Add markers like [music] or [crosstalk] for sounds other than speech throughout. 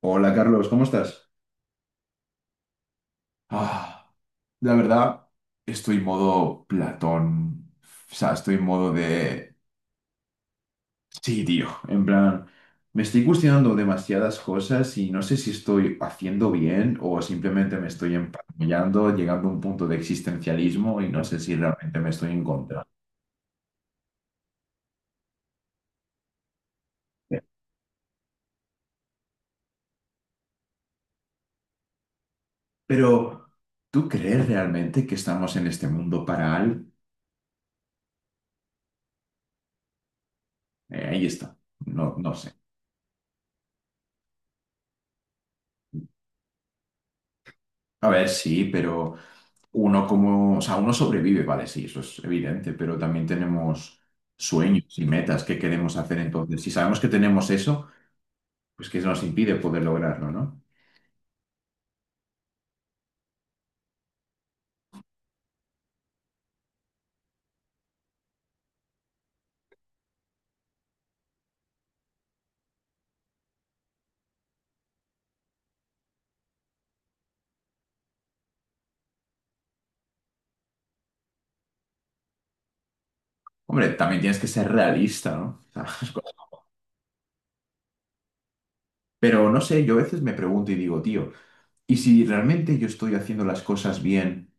Hola Carlos, ¿cómo estás? Ah, la verdad, estoy en modo Platón. O sea, estoy en modo de... Sí, tío. En plan, me estoy cuestionando demasiadas cosas y no sé si estoy haciendo bien o simplemente me estoy emparanoiando, llegando a un punto de existencialismo y no sé si realmente me estoy encontrando. Pero, ¿tú crees realmente que estamos en este mundo para algo? Ahí está. No, no sé. A ver, sí, pero uno como, o sea, uno sobrevive, vale, sí, eso es evidente, pero también tenemos sueños y metas que queremos hacer. Entonces, si sabemos que tenemos eso, pues que nos impide poder lograrlo, ¿no? Hombre, también tienes que ser realista, ¿no? [laughs] O sea, pero no sé, yo a veces me pregunto y digo, tío, ¿y si realmente yo estoy haciendo las cosas bien,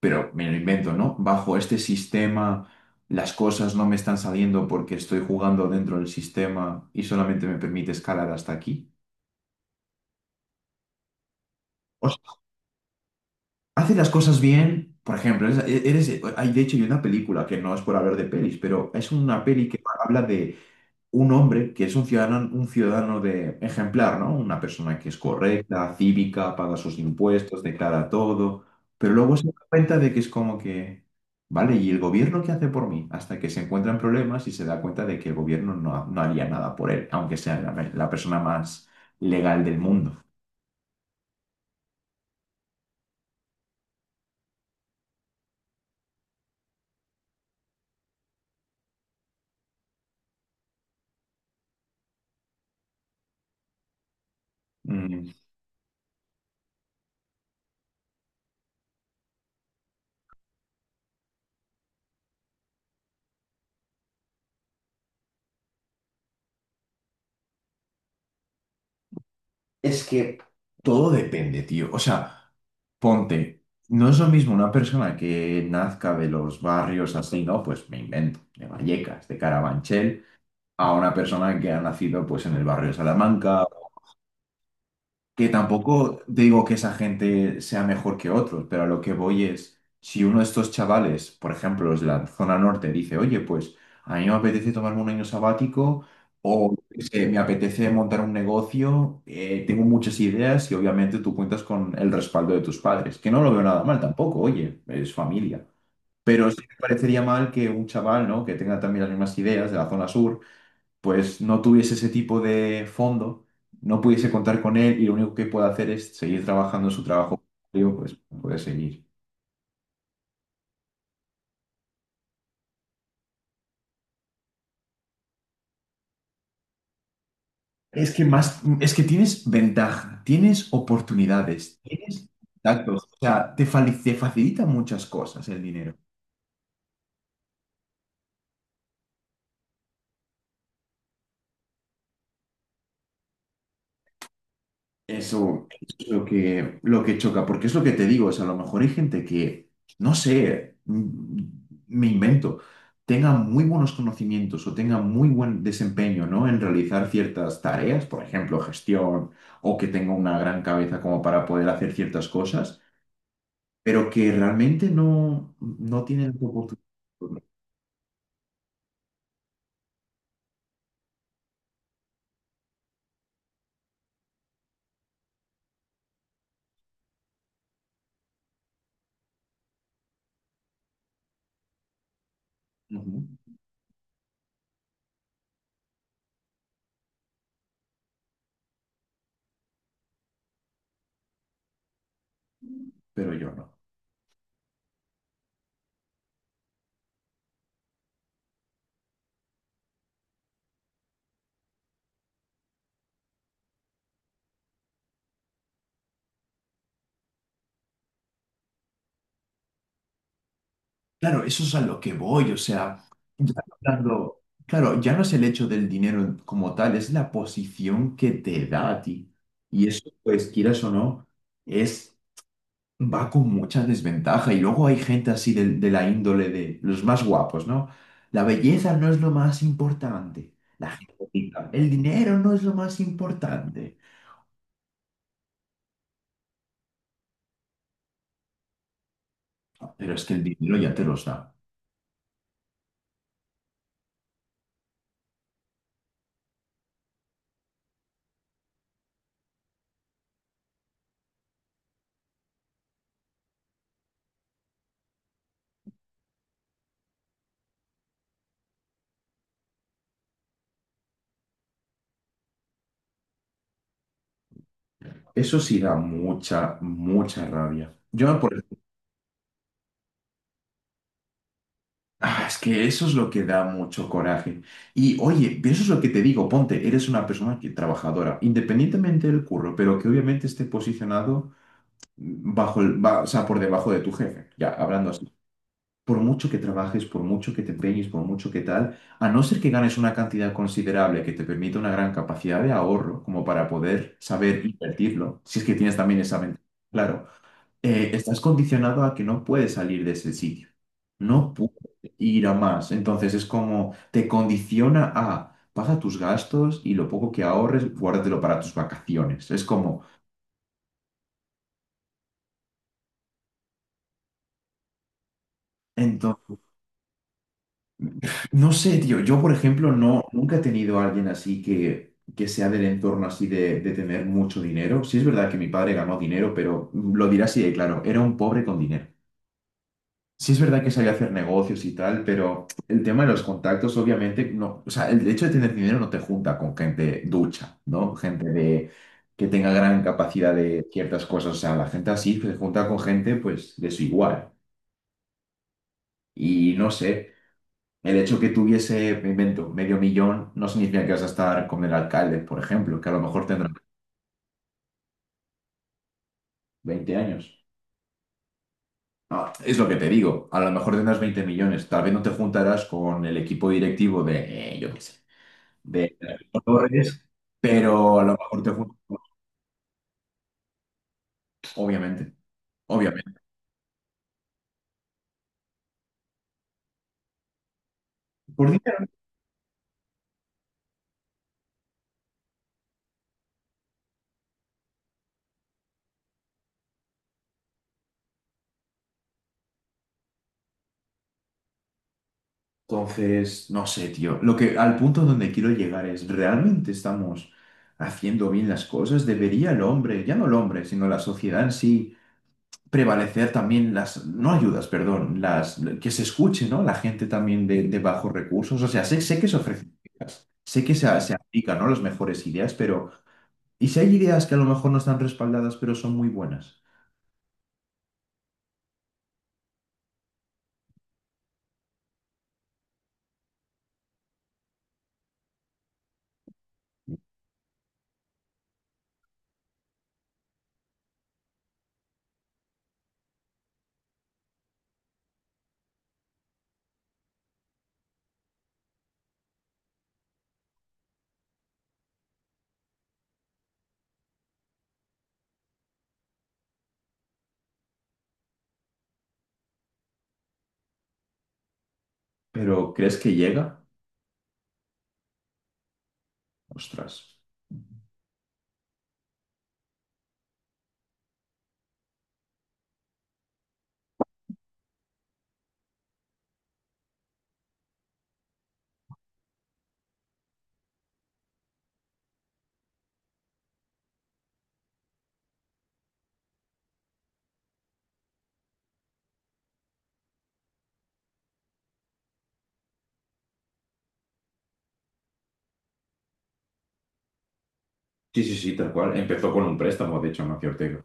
pero me lo invento, ¿no? Bajo este sistema, las cosas no me están saliendo porque estoy jugando dentro del sistema y solamente me permite escalar hasta aquí. Hace las cosas bien. Por ejemplo, hay, de hecho, hay una película que no es por hablar de pelis, pero es una peli que habla de un hombre que es un ciudadano de ejemplar, ¿no? Una persona que es correcta, cívica, paga sus impuestos, declara todo, pero luego se da cuenta de que es como que, vale, ¿y el gobierno qué hace por mí? Hasta que se encuentran problemas y se da cuenta de que el gobierno no, no haría nada por él, aunque sea la persona más legal del mundo. Mm. Es que, todo depende, tío. O sea, ponte, no es lo mismo una persona que nazca de los barrios así, ¿no? Pues me invento, de Vallecas, de Carabanchel, a una persona que ha nacido pues en el barrio de Salamanca, que tampoco digo que esa gente sea mejor que otros, pero a lo que voy es, si uno de estos chavales, por ejemplo, los de la zona norte, dice, oye, pues a mí me apetece tomarme un año sabático o yo qué sé, me apetece montar un negocio, tengo muchas ideas y obviamente tú cuentas con el respaldo de tus padres, que no lo veo nada mal tampoco, oye, es familia. Pero sí me parecería mal que un chaval, ¿no? que tenga también las mismas ideas de la zona sur, pues no tuviese ese tipo de fondo, no pudiese contar con él y lo único que puede hacer es seguir trabajando en su trabajo, digo, pues puede seguir. Es que más, es que tienes ventaja, tienes oportunidades, tienes contactos, o sea, te facilita muchas cosas el dinero. Eso es lo que choca, porque es lo que te digo, o sea, a lo mejor hay gente que, no sé, me invento, tenga muy buenos conocimientos o tenga muy buen desempeño, ¿no? En realizar ciertas tareas, por ejemplo, gestión, o que tenga una gran cabeza como para poder hacer ciertas cosas, pero que realmente no, no tienen esa oportunidad. Ujú. Pero yo no. Claro, eso es a lo que voy, o sea, ya hablando, claro, ya no es el hecho del dinero como tal, es la posición que te da a ti. Y eso, pues, quieras o no, es, va con mucha desventaja. Y luego hay gente así de la índole de los más guapos, ¿no? La belleza no es lo más importante. La gente bonita, el dinero no es lo más importante. Pero es que el dinero ya te los da. Eso sí da mucha, mucha rabia. Yo, por Ah, es que eso es lo que da mucho coraje. Y oye, pero eso es lo que te digo, ponte, eres una persona que, trabajadora, independientemente del curro, pero que obviamente esté posicionado o sea, por debajo de tu jefe, ya hablando así. Por mucho que trabajes, por mucho que te empeñes, por mucho que tal, a no ser que ganes una cantidad considerable que te permita una gran capacidad de ahorro, como para poder saber invertirlo, si es que tienes también esa mente, claro, estás condicionado a que no puedes salir de ese sitio, no puedes ir a más. Entonces es como te condiciona a paga tus gastos y lo poco que ahorres, guárdatelo para tus vacaciones. Es como, entonces, no sé, tío, yo por ejemplo no, nunca he tenido a alguien así que sea del entorno así de tener mucho dinero. Sí es verdad que mi padre ganó dinero, pero lo dirá así de claro, era un pobre con dinero. Sí es verdad que sabía hacer negocios y tal, pero el tema de los contactos, obviamente, no, o sea, el hecho de tener dinero no te junta con gente ducha, ¿no? Gente de, que tenga gran capacidad de ciertas cosas, o sea, la gente así se junta con gente, pues, de su igual. Y no sé, el hecho que tuviese, me invento, medio millón, no significa que vas a estar con el alcalde, por ejemplo, que a lo mejor tendrá 20 años. No, es lo que te digo, a lo mejor tendrás 20 millones, tal vez no te juntarás con el equipo directivo de, yo qué sé de Torres, pero a lo mejor te juntas, obviamente, obviamente, por dinero. Entonces, no sé, tío, lo que al punto donde quiero llegar es, ¿realmente estamos haciendo bien las cosas? ¿Debería el hombre, ya no el hombre, sino la sociedad en sí, prevalecer también las, no ayudas, perdón, las, que se escuche, ¿no? La gente también de bajos recursos, o sea, sé que se ofrecen ideas, sé que se aplican, ¿no? Las mejores ideas, pero... Y si hay ideas que a lo mejor no están respaldadas, pero son muy buenas. Pero ¿crees que llega? Ostras. Sí, sí, sí, tal cual. Empezó con un préstamo, de hecho, Amancio Ortega.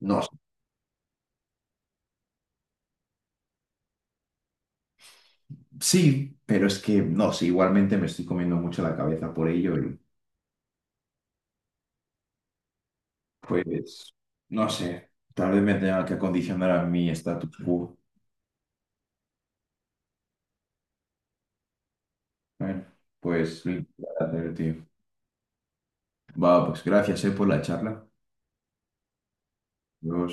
No, sí, pero es que no sé, igualmente me estoy comiendo mucho la cabeza por ello y pues no sé, tal vez me tenga que acondicionar a mi status quo. Bueno, pues lo hacer, tío. Va, pues gracias, por la charla. Adiós.